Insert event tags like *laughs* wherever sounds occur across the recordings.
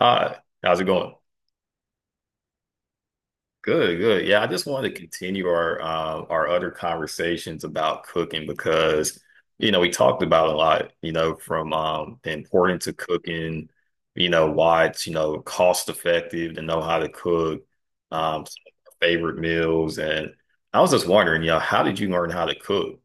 Hi, how's it going? Good, good. Yeah, I just wanted to continue our other conversations about cooking because we talked about a lot, you know, from the importance of cooking, you know, why it's cost effective to know how to cook, some of our favorite meals, and I was just wondering, you know, how did you learn how to cook?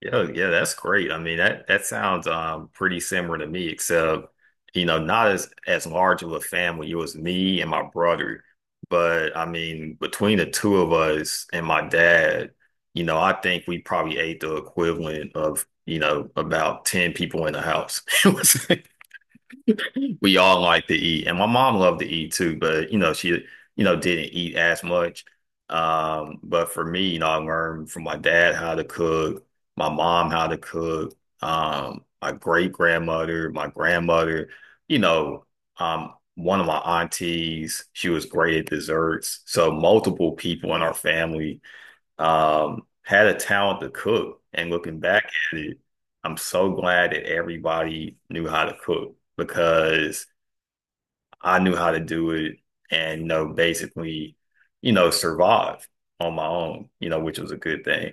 Yeah, yeah, that's great. I mean, that sounds pretty similar to me, except you know, not as large of a family. It was me and my brother, but I mean, between the two of us and my dad, you know, I think we probably ate the equivalent of about ten people in the house. *laughs* We all like to eat, and my mom loved to eat too, but you know, she didn't eat as much. But for me, you know, I learned from my dad how to cook, my mom how to cook, my great grandmother, my grandmother, you know, one of my aunties, she was great at desserts. So multiple people in our family had a talent to cook. And looking back at it, I'm so glad that everybody knew how to cook because I knew how to do it and, you know, basically, survive on my own, which was a good thing.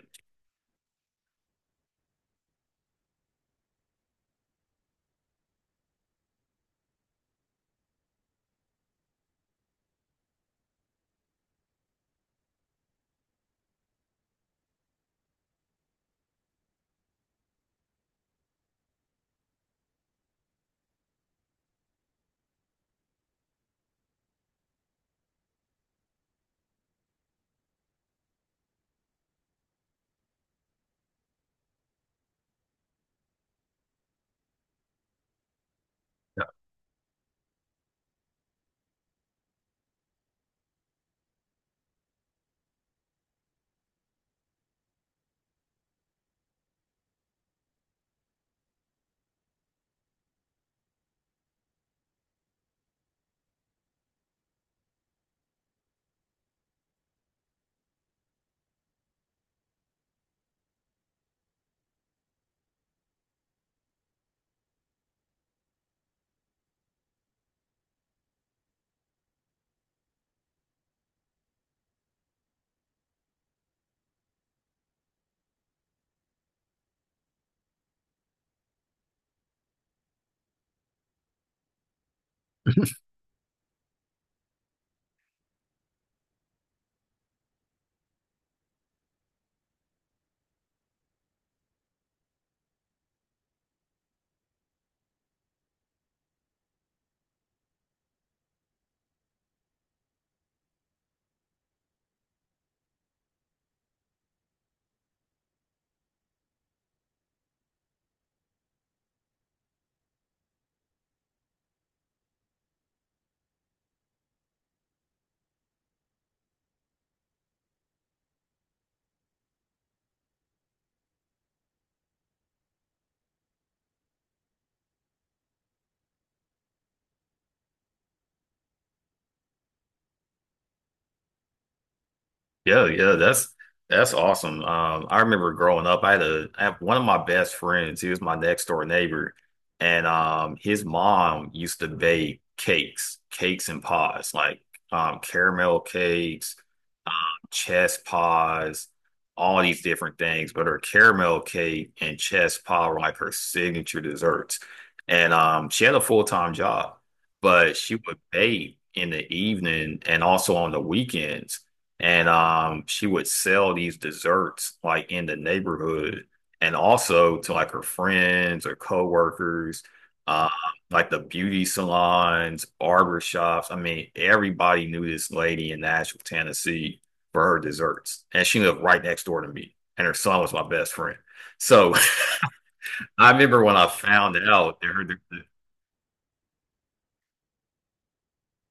Yeah, yeah, that's awesome. I remember growing up, I had a I have one of my best friends. He was my next door neighbor, and his mom used to bake cakes, cakes and pies, like caramel cakes, um, chess pies, all these different things. But her caramel cake and chess pie were like her signature desserts, and she had a full-time job, but she would bake in the evening and also on the weekends and she would sell these desserts like in the neighborhood and also to like her friends or coworkers uh like the beauty salons, barber shops. I mean, everybody knew this lady in Nashville, Tennessee for her desserts, and she lived right next door to me and her son was my best friend, so *laughs* I remember when I found out that her.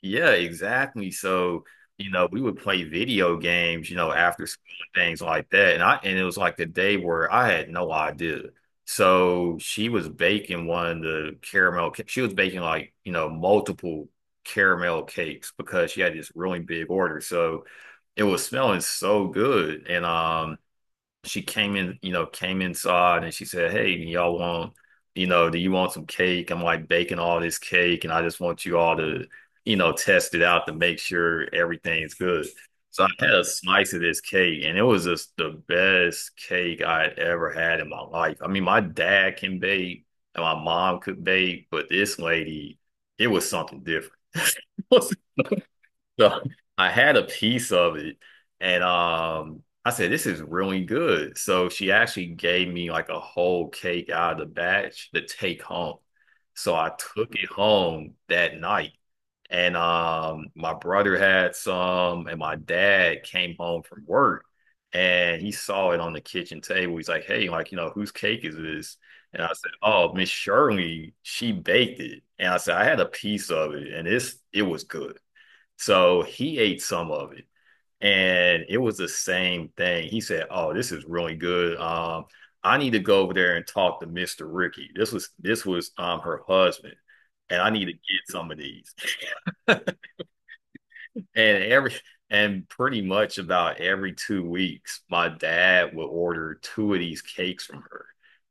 Yeah, exactly. So, you know, we would play video games, you know, after school and things like that. And it was like the day where I had no idea. So she was baking one of the caramel ca- she was baking like, you know, multiple caramel cakes because she had this really big order. So it was smelling so good. And she came in, you know, came inside and she said, Hey, y'all want, you know, do you want some cake? I'm like baking all this cake and I just want you all to, you know, test it out to make sure everything's good. So I had a slice of this cake and it was just the best cake I had ever had in my life. I mean, my dad can bake and my mom could bake, but this lady, it was something different. *laughs* It was so *laughs* I had a piece of it and I said, this is really good. So she actually gave me like a whole cake out of the batch to take home. So I took it home that night. And My brother had some and my dad came home from work and he saw it on the kitchen table. He's like, Hey, like, you know, whose cake is this? And I said, Oh, Miss Shirley, she baked it. And I said, I had a piece of it and it was good. So he ate some of it, and it was the same thing. He said, "Oh, this is really good. I need to go over there and talk to Mr. Ricky. This was her husband, and I need to get some of these." And every and pretty much about every two weeks, my dad would order two of these cakes from her.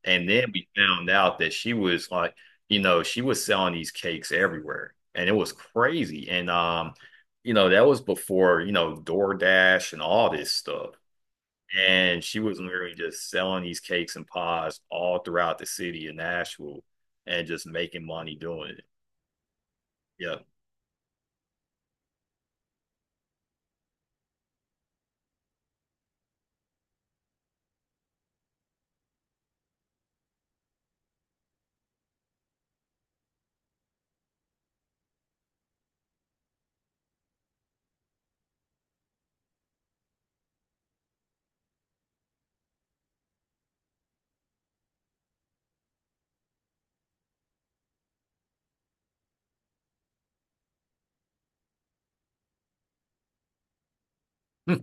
And then we found out that she was like, you know, she was selling these cakes everywhere. And it was crazy. And you know, that was before, you know, DoorDash and all this stuff. And she was literally just selling these cakes and pies all throughout the city of Nashville and just making money doing it. Yeah.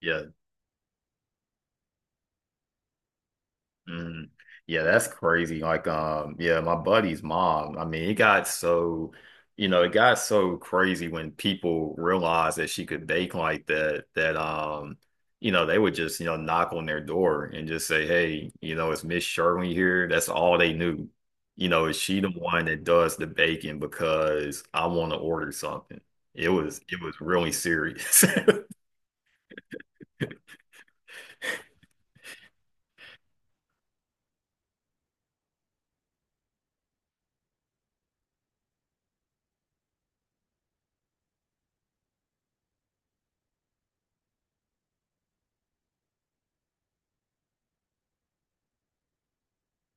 *laughs* Yeah. Mm. Yeah, that's crazy. Like, yeah, my buddy's mom, I mean, it got so, you know, it got so crazy when people realized that she could bake like that, that, you know, they would just, you know, knock on their door and just say, Hey, you know, it's Miss Shirley here. That's all they knew. You know, is she the one that does the baking because I want to order something? It was really serious. *laughs*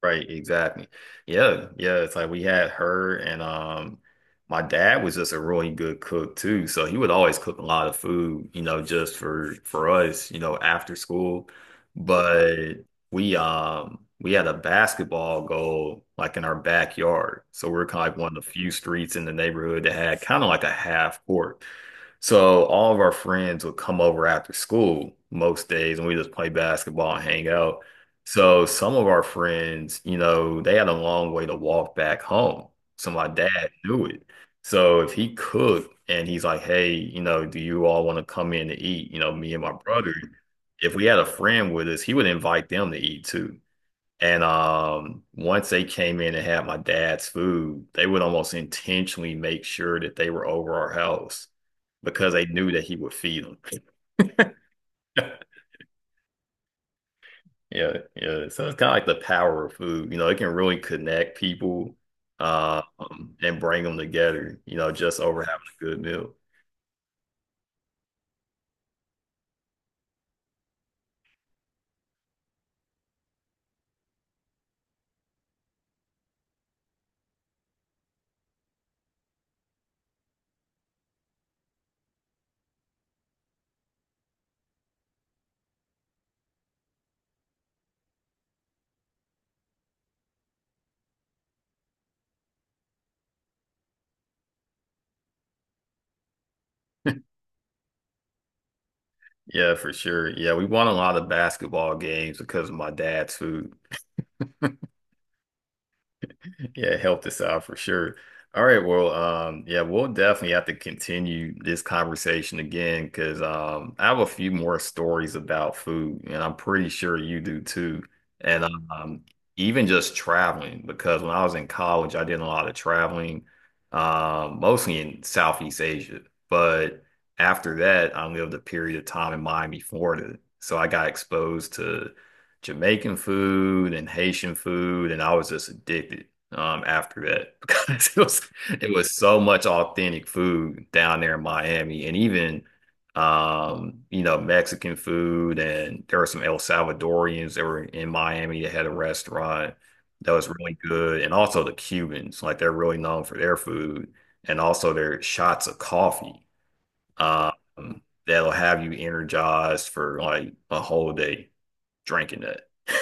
Right, exactly. Yeah, yeah. It's like we had her and my dad was just a really good cook too. So he would always cook a lot of food, you know, just for us, you know, after school. But we had a basketball goal like in our backyard. So we're kind of like one of the few streets in the neighborhood that had kind of like a half court. So all of our friends would come over after school most days and we just play basketball and hang out. So some of our friends, you know, they had a long way to walk back home. So my dad knew it. So if he cooked and he's like, hey, you know, do you all want to come in to eat? You know, me and my brother, if we had a friend with us, he would invite them to eat too. And Once they came in and had my dad's food, they would almost intentionally make sure that they were over our house because they knew that he would feed them. *laughs* Yeah, yeah. So it's kind of like the power of food. You know, it can really connect people and bring them together, you know, just over having a good meal. Yeah, for sure. Yeah, we won a lot of basketball games because of my dad's food. Yeah, it helped us out for sure. All right, well, yeah, we'll definitely have to continue this conversation again because I have a few more stories about food, and I'm pretty sure you do too. And Even just traveling, because when I was in college, I did a lot of traveling, mostly in Southeast Asia. But after that, I lived a period of time in Miami, Florida, so I got exposed to Jamaican food and Haitian food, and I was just addicted after that *laughs* because it was so much authentic food down there in Miami and even you know, Mexican food, and there were some El Salvadorians that were in Miami that had a restaurant that was really good, and also the Cubans, like they're really known for their food and also their shots of coffee. That'll have you energized for like a whole day drinking that. *laughs*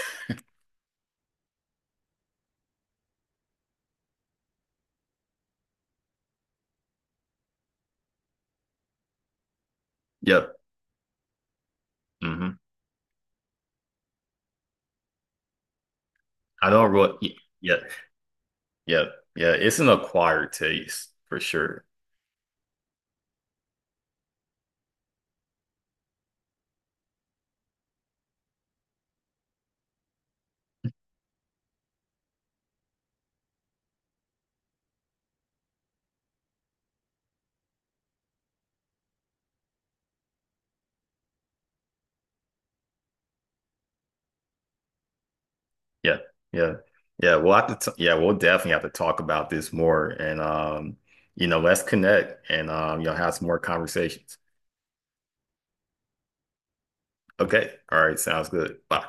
Yep. Hmm. I don't really, yeah. Yeah, yeah, it's an acquired taste for sure. Yeah, yeah, yeah. We'll have to, t Yeah, we'll definitely have to talk about this more, and you know, let's connect and you know, have some more conversations. Okay, all right, sounds good. Bye.